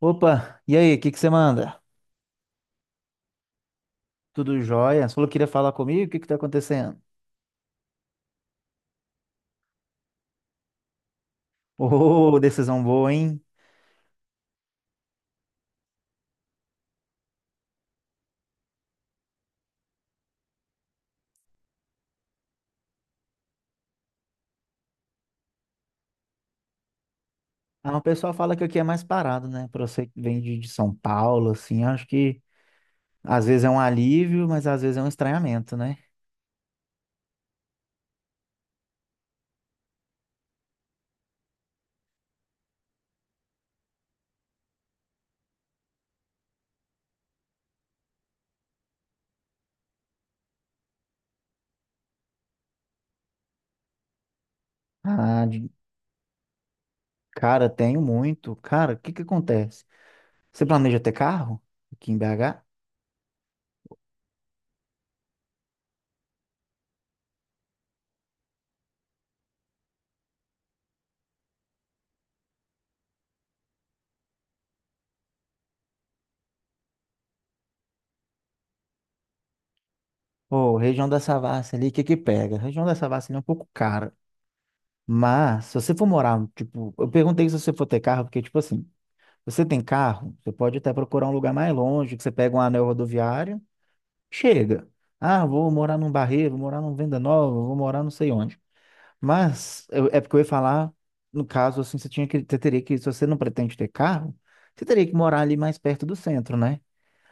Opa, e aí, o que que você manda? Tudo jóia? Você falou que queria falar comigo? O que que tá acontecendo? Ô, decisão boa, hein? Ah, o pessoal fala que aqui é mais parado, né? Pra você que vem de São Paulo, assim, acho que às vezes é um alívio, mas às vezes é um estranhamento, né? Ah, de- Cara, tenho muito. Cara, o que que acontece? Você planeja ter carro aqui em BH? Pô, região da Savassi ali, o que que pega? A região da Savassi ali é um pouco cara. Mas se você for morar, tipo, eu perguntei se você for ter carro, porque, tipo assim, você tem carro? Você pode até procurar um lugar mais longe, que você pega um anel rodoviário, chega. Ah, vou morar num Barreiro, vou morar num Venda Nova, vou morar não sei onde. É porque eu ia falar, no caso, assim, você tinha que, você teria que, se você não pretende ter carro, você teria que morar ali mais perto do centro, né?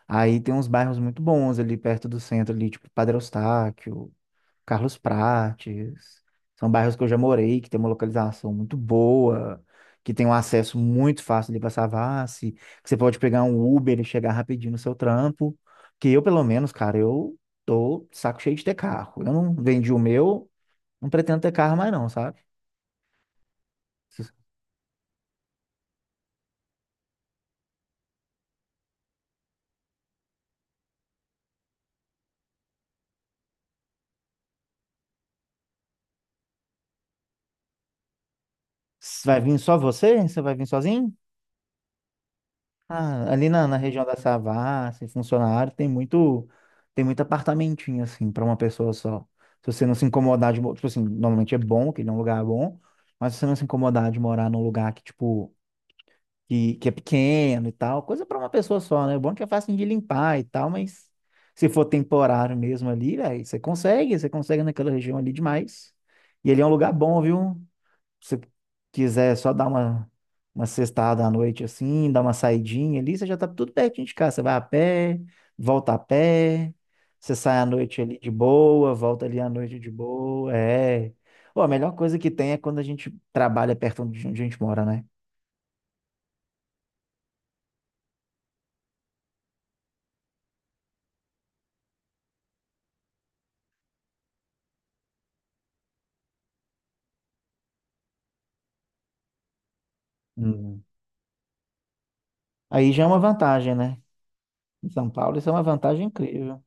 Aí tem uns bairros muito bons ali perto do centro, ali, tipo Padre Eustáquio, Carlos Prates. São bairros que eu já morei, que tem uma localização muito boa, que tem um acesso muito fácil ali para Savassi, que você pode pegar um Uber e chegar rapidinho no seu trampo. Que eu, pelo menos, cara, eu tô saco cheio de ter carro. Eu não vendi o meu, não pretendo ter carro mais não, sabe? Se- se Vai vir só você? Você vai vir sozinho? Ah, ali na região da Savassi, e Funcionário, tem muito apartamentinho, assim, para uma pessoa só. Se você não se incomodar de... mo- Tipo assim, normalmente é bom, que ele é um lugar bom, mas se você não se incomodar de morar num lugar que, tipo, que é pequeno e tal, coisa para uma pessoa só, né? O bom é que é fácil de limpar e tal, mas se for temporário mesmo ali, velho, você consegue naquela região ali demais. E ele é um lugar bom, viu? Você quiser só dar uma sextada à noite assim, dar uma saidinha ali, você já tá tudo pertinho de casa. Você vai a pé, volta a pé, você sai à noite ali de boa, volta ali à noite de boa. É. Pô, a melhor coisa que tem é quando a gente trabalha perto de onde a gente mora, né? Hum. Aí já é uma vantagem, né? Em São Paulo, isso é uma vantagem incrível.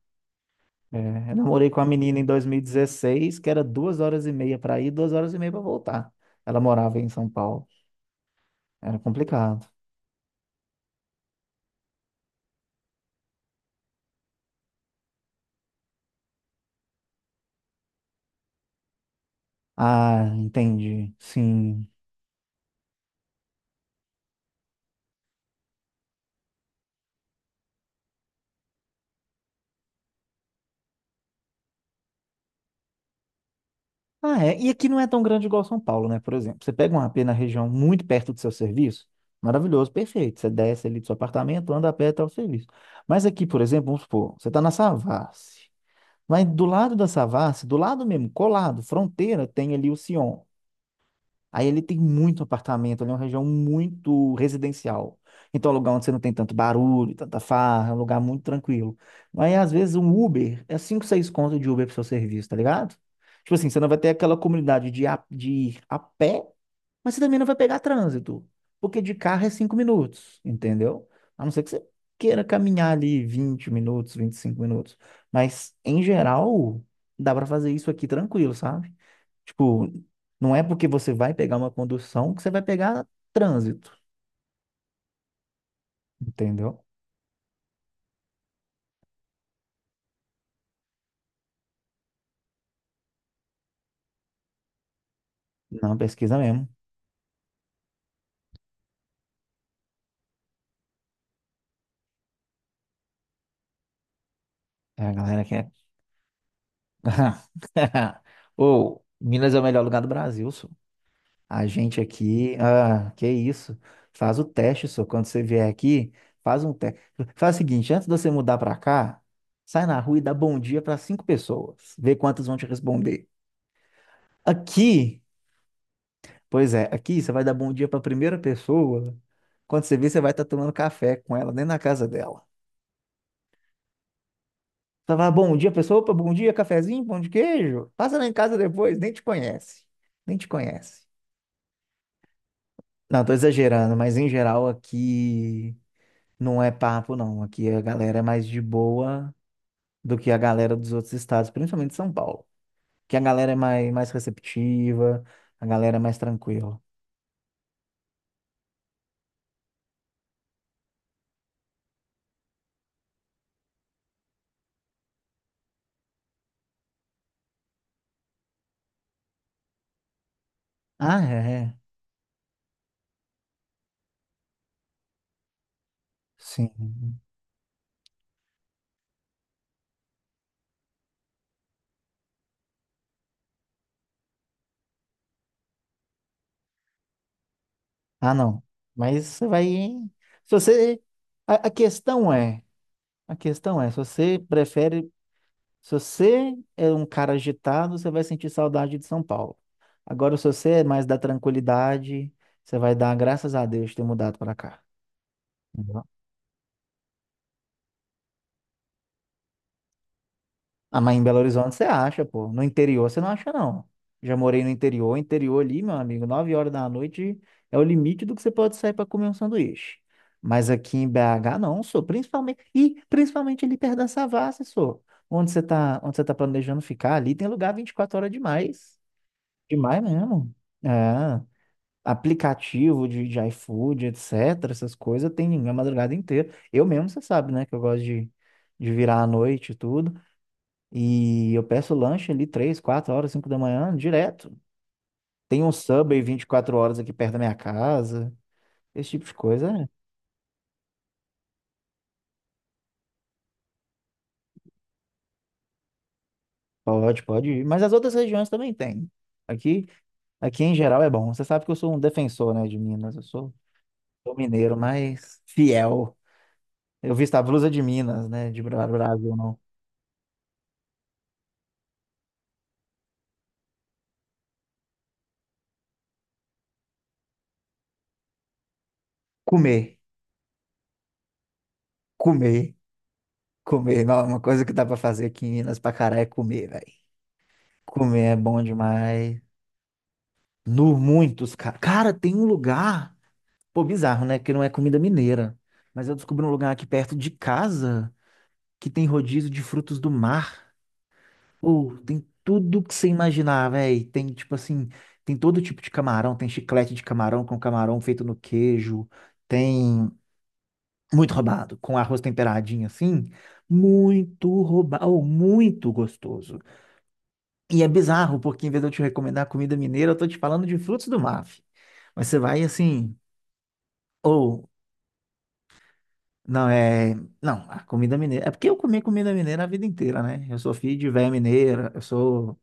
É, eu namorei com uma menina em 2016 que era 2 horas e meia para ir, 2 horas e meia para voltar. Ela morava em São Paulo. Era complicado. Ah, entendi. Sim. Ah, é. E aqui não é tão grande igual São Paulo, né? Por exemplo, você pega um AP na região muito perto do seu serviço, maravilhoso, perfeito. Você desce ali do seu apartamento, anda a pé até o serviço. Mas aqui, por exemplo, vamos supor, você está na Savassi. Mas do lado da Savassi, do lado mesmo, colado, fronteira, tem ali o Sion. Aí ele tem muito apartamento, ali é uma região muito residencial. Então é um lugar onde você não tem tanto barulho, tanta farra, é um lugar muito tranquilo. Mas às vezes um Uber é 5, 6 contas de Uber pro seu serviço, tá ligado? Tipo assim, você não vai ter aquela comunidade de ir a pé, mas você também não vai pegar trânsito, porque de carro é 5 minutos, entendeu? A não ser que você queira caminhar ali 20 minutos, 25 minutos. Mas em geral, dá pra fazer isso aqui tranquilo, sabe? Tipo, não é porque você vai pegar uma condução que você vai pegar trânsito, entendeu? Não, é pesquisa mesmo. É a galera que é. Ô, Minas é o melhor lugar do Brasil, só. A gente aqui, ah, que isso. Faz o teste, só. Quando você vier aqui, faz um teste. Faz o seguinte, antes de você mudar pra cá, sai na rua e dá bom dia pra cinco pessoas. Vê quantas vão te responder. Aqui, pois é, aqui você vai dar bom dia para a primeira pessoa. Quando você vê, você vai estar tomando café com ela dentro da casa dela. Você vai, bom dia, pessoa, opa, bom dia, cafezinho, pão de queijo. Passa lá em casa depois, nem te conhece. Nem te conhece. Não, tô exagerando, mas em geral aqui não é papo, não. Aqui a galera é mais de boa do que a galera dos outros estados, principalmente São Paulo. Que a galera é mais, mais receptiva, a galera é mais tranquila. Ah, é, é. Sim. Ah, não. Mas você vai. Se você. A questão é. A questão é, se você prefere. Se você é um cara agitado, você vai sentir saudade de São Paulo. Agora, se você é mais da tranquilidade, você vai dar graças a Deus de ter mudado para cá. Ah, mas em Belo Horizonte você acha, pô. No interior você não acha, não. Já morei no interior, interior ali, meu amigo, 9 horas da noite é o limite do que você pode sair para comer um sanduíche. Mas aqui em BH não, sou principalmente e principalmente ali perto da Savassi, sou. Onde você tá planejando ficar ali, tem lugar 24 horas demais. Demais mesmo. É. Aplicativo de iFood, etc. Essas coisas tem a madrugada inteira. Eu mesmo, você sabe, né, que eu gosto de virar à noite e tudo. E eu peço lanche ali três, 4 horas, 5 da manhã, direto. Tem um Subway 24 horas aqui perto da minha casa. Esse tipo de coisa, é. Pode, pode ir. Mas as outras regiões também tem. Aqui, aqui em geral é bom. Você sabe que eu sou um defensor, né, de Minas. Eu sou, sou mineiro, mas fiel. Eu visto a blusa de Minas, né, de Brasil, não. Comer, comer, comer. Não, é uma coisa que dá pra fazer aqui em Minas pra caralho é comer, velho. Comer é bom demais. No muitos, cara. Cara, tem um lugar. Pô, bizarro, né? Que não é comida mineira. Mas eu descobri um lugar aqui perto de casa que tem rodízio de frutos do mar. Pô, tem tudo que você imaginar, velho. Tem, tipo assim, tem todo tipo de camarão. Tem chiclete de camarão com camarão feito no queijo. Tem muito roubado, com arroz temperadinho assim. Muito roubado, muito gostoso. E é bizarro, porque em vez de eu te recomendar comida mineira, eu tô te falando de frutos do mar. Fi. Mas você vai assim. Ou Não, é. Não, a comida mineira. É porque eu comi comida mineira a vida inteira, né? Eu sou filho de véia mineira, eu sou,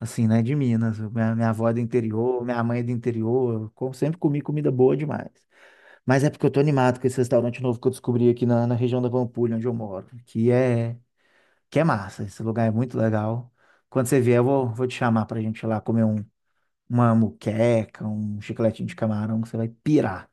assim, né, de Minas. Minha avó é do interior, minha mãe é do interior. Sempre comi comida boa demais. Mas é porque eu tô animado com esse restaurante novo que eu descobri aqui na região da Pampulha, onde eu moro, que é massa. Esse lugar é muito legal. Quando você vier, eu vou te chamar pra gente ir lá comer uma muqueca, um chicletinho de camarão, que você vai pirar.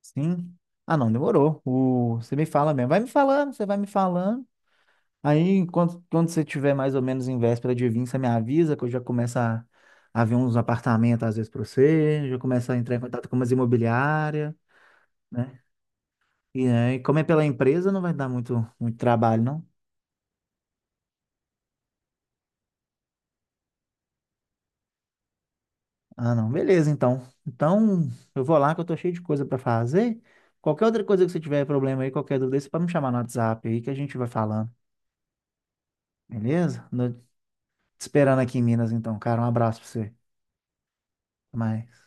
Sim. Ah, não, demorou. O... Você me fala mesmo. Vai me falando, você vai me falando. Aí, quando você tiver mais ou menos em véspera de vir, você me avisa que eu já começo a ver uns apartamentos às vezes para você, já começo a entrar em contato com umas imobiliárias, né? E aí, como é pela empresa, não vai dar muito, muito trabalho, não? Ah, não. Beleza, então. Então, eu vou lá que eu tô cheio de coisa para fazer. Qualquer outra coisa que você tiver problema aí, qualquer dúvida, você pode me chamar no WhatsApp aí que a gente vai falando, beleza? No- Te esperando aqui em Minas, então, cara. Um abraço pra você. Até mais.